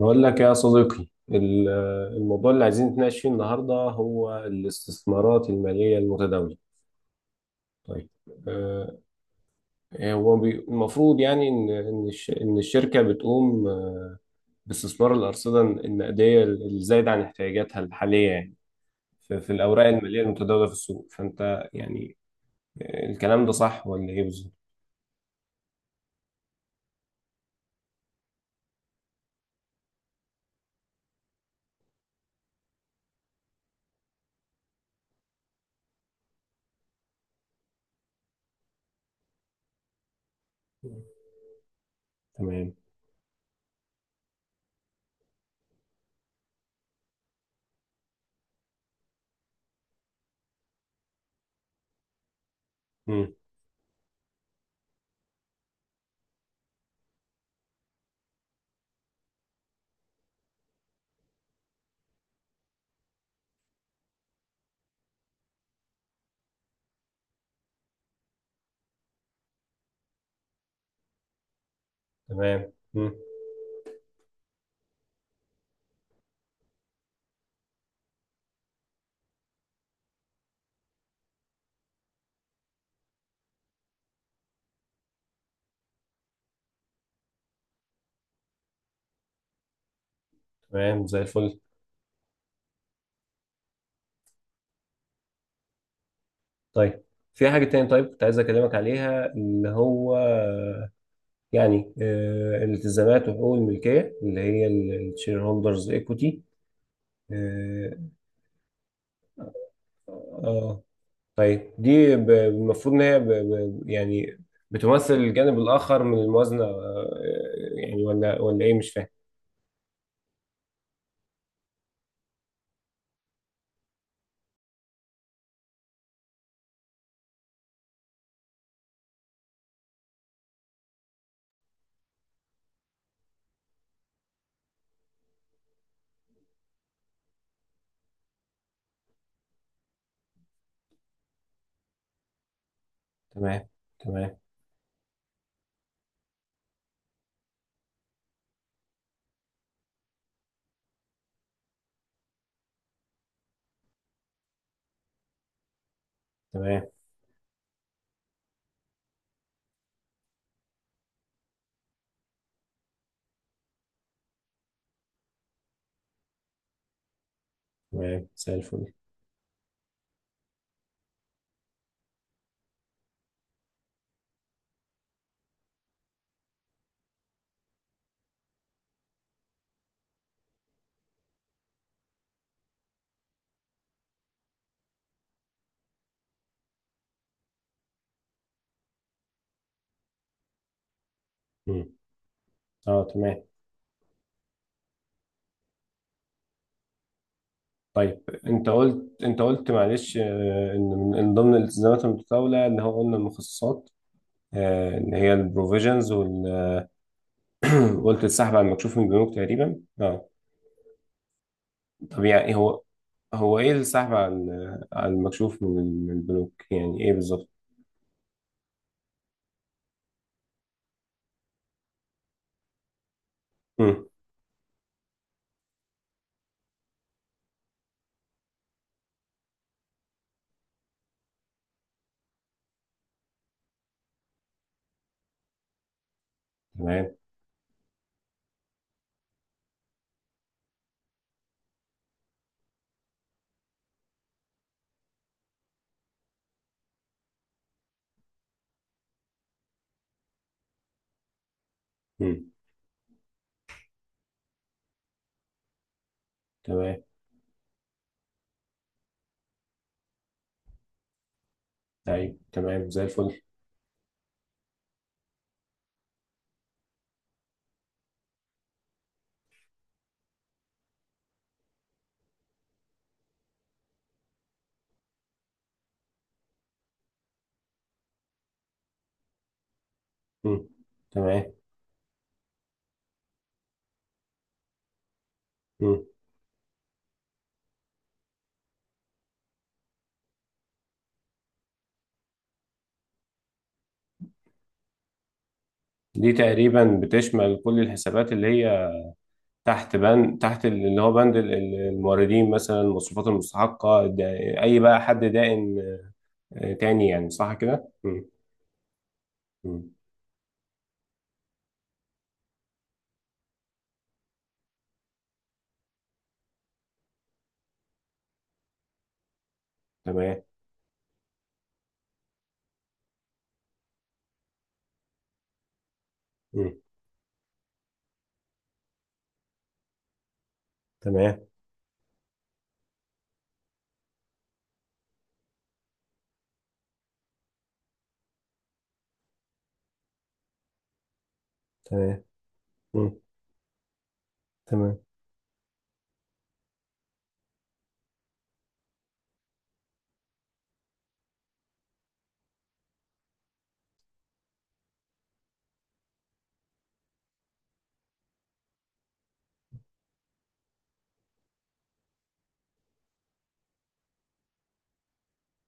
بقول لك يا صديقي الموضوع اللي عايزين نتناقش فيه النهارده هو الاستثمارات المالية المتداولة. طيب. آه، هو المفروض يعني ان إن الشركة بتقوم باستثمار الأرصدة النقدية الزايدة عن احتياجاتها الحالية، يعني في الأوراق المالية المتداولة في السوق، فأنت يعني الكلام ده صح ولا إيه بالظبط؟ تمام، مم. تمام، مم. تمام، زي الفل. طيب، في حاجة تاني، طيب كنت عايز أكلمك عليها اللي هو يعني التزامات وحقوق الملكية اللي هي الشير هولدرز ايكوتي. اه. آه، طيب دي المفروض ان هي يعني بتمثل الجانب الاخر من الموازنة، يعني ولا ايه؟ مش فاهم. تمام. تمام. تمام. تمام، زي الفل. مم. اه تمام. طيب، انت قلت معلش، ان من إن ضمن الالتزامات المتطاوله اللي هو قلنا المخصصات، اللي هي البروفيجنز. قلت السحب على المكشوف من البنوك تقريبا، اه. طب يعني إيه هو؟ هو ايه السحب على المكشوف من البنوك، يعني ايه بالظبط؟ مم. تمام. مم. تمام. طيب تمام، زي الفل. مم. تمام. مم. دي تقريبا بتشمل كل الحسابات اللي هي تحت بند، تحت اللي هو بند الموردين، مثلا المصروفات المستحقة، اي بقى حد دائن تاني، يعني صح كده. مم. مم. تمام. مم. تمام. تمام. مم. تمام.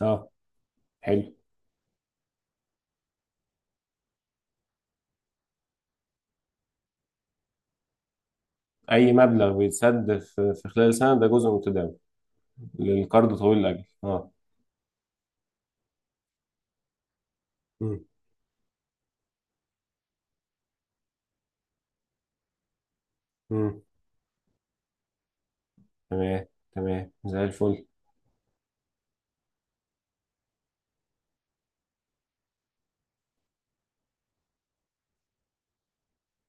اه. حلو. اي مبلغ بيتسد في خلال سنه ده جزء متداول للقرض طويل الاجل، اه. مم. مم. تمام. تمام، زي الفل.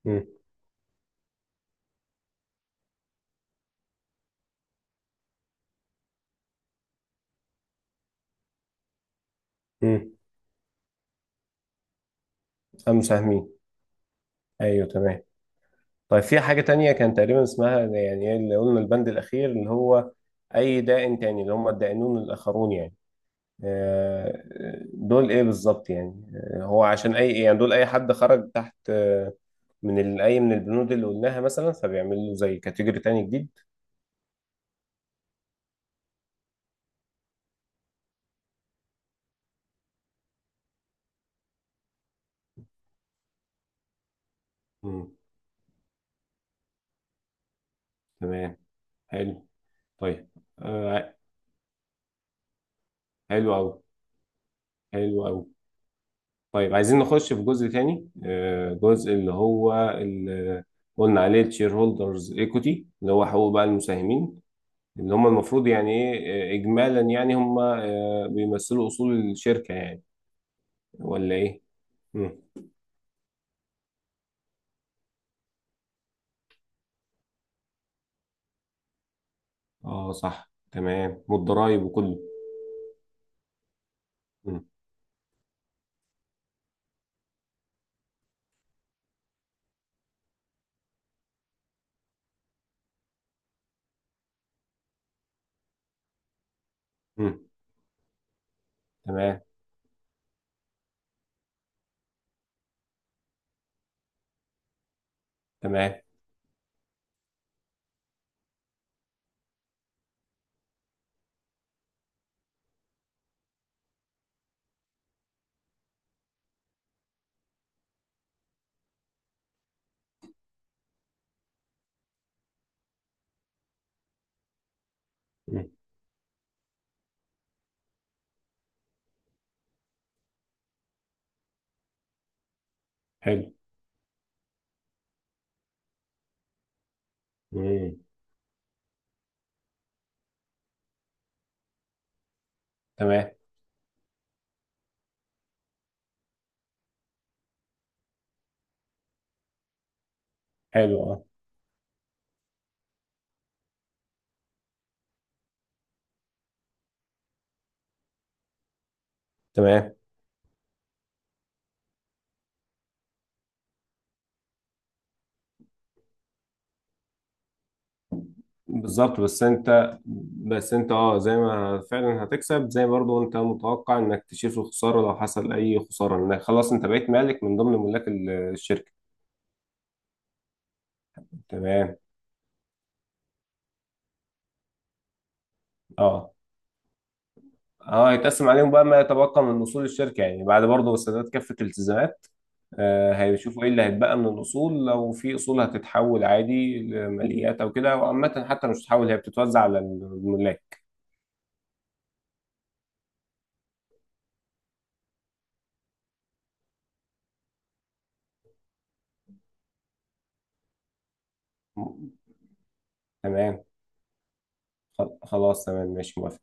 مم. مم. أم مساهمين. أيوه تمام. طيب في حاجة تانية كان تقريبا اسمها، يعني إيه اللي قلنا البند الأخير اللي هو أي دائن تاني اللي هم الدائنون الآخرون يعني. آه، دول إيه بالظبط؟ يعني هو عشان أي، يعني دول أي حد خرج تحت من أي من البنود اللي قلناها مثلا، فبيعمل له زي كاتيجوري تاني جديد. مم. تمام. حلو. طيب. آه. حلو أوي. حلو أوي. طيب عايزين نخش في جزء تاني، آه جزء اللي هو اللي قلنا عليه الشير هولدرز ايكوتي، اللي هو حقوق بقى المساهمين، اللي هم المفروض يعني ايه، اجمالا يعني هم آه بيمثلوا اصول الشركة يعني، ولا ايه؟ مم. اه صح، تمام، والضرايب وكله. مم. مم. تمام. تمام. مم. حلو. مم. تمام. حلو اه. تمام. بالظبط، بس انت اه زي ما فعلا هتكسب، زي برضو انت متوقع انك تشيل في الخساره، لو حصل اي خساره انك خلاص انت بقيت مالك من ضمن ملاك الشركه. تمام. اه. اه هيتقسم عليهم بقى ما يتبقى من اصول الشركه يعني بعد برضو سداد كافه الالتزامات. آه هيشوفوا ايه اللي هيتبقى من الاصول، لو في اصول هتتحول عادي لماليات او كده، وعامه حتى مش هتتحول هي بتتوزع على الملاك. تمام. خلاص تمام ماشي موافق.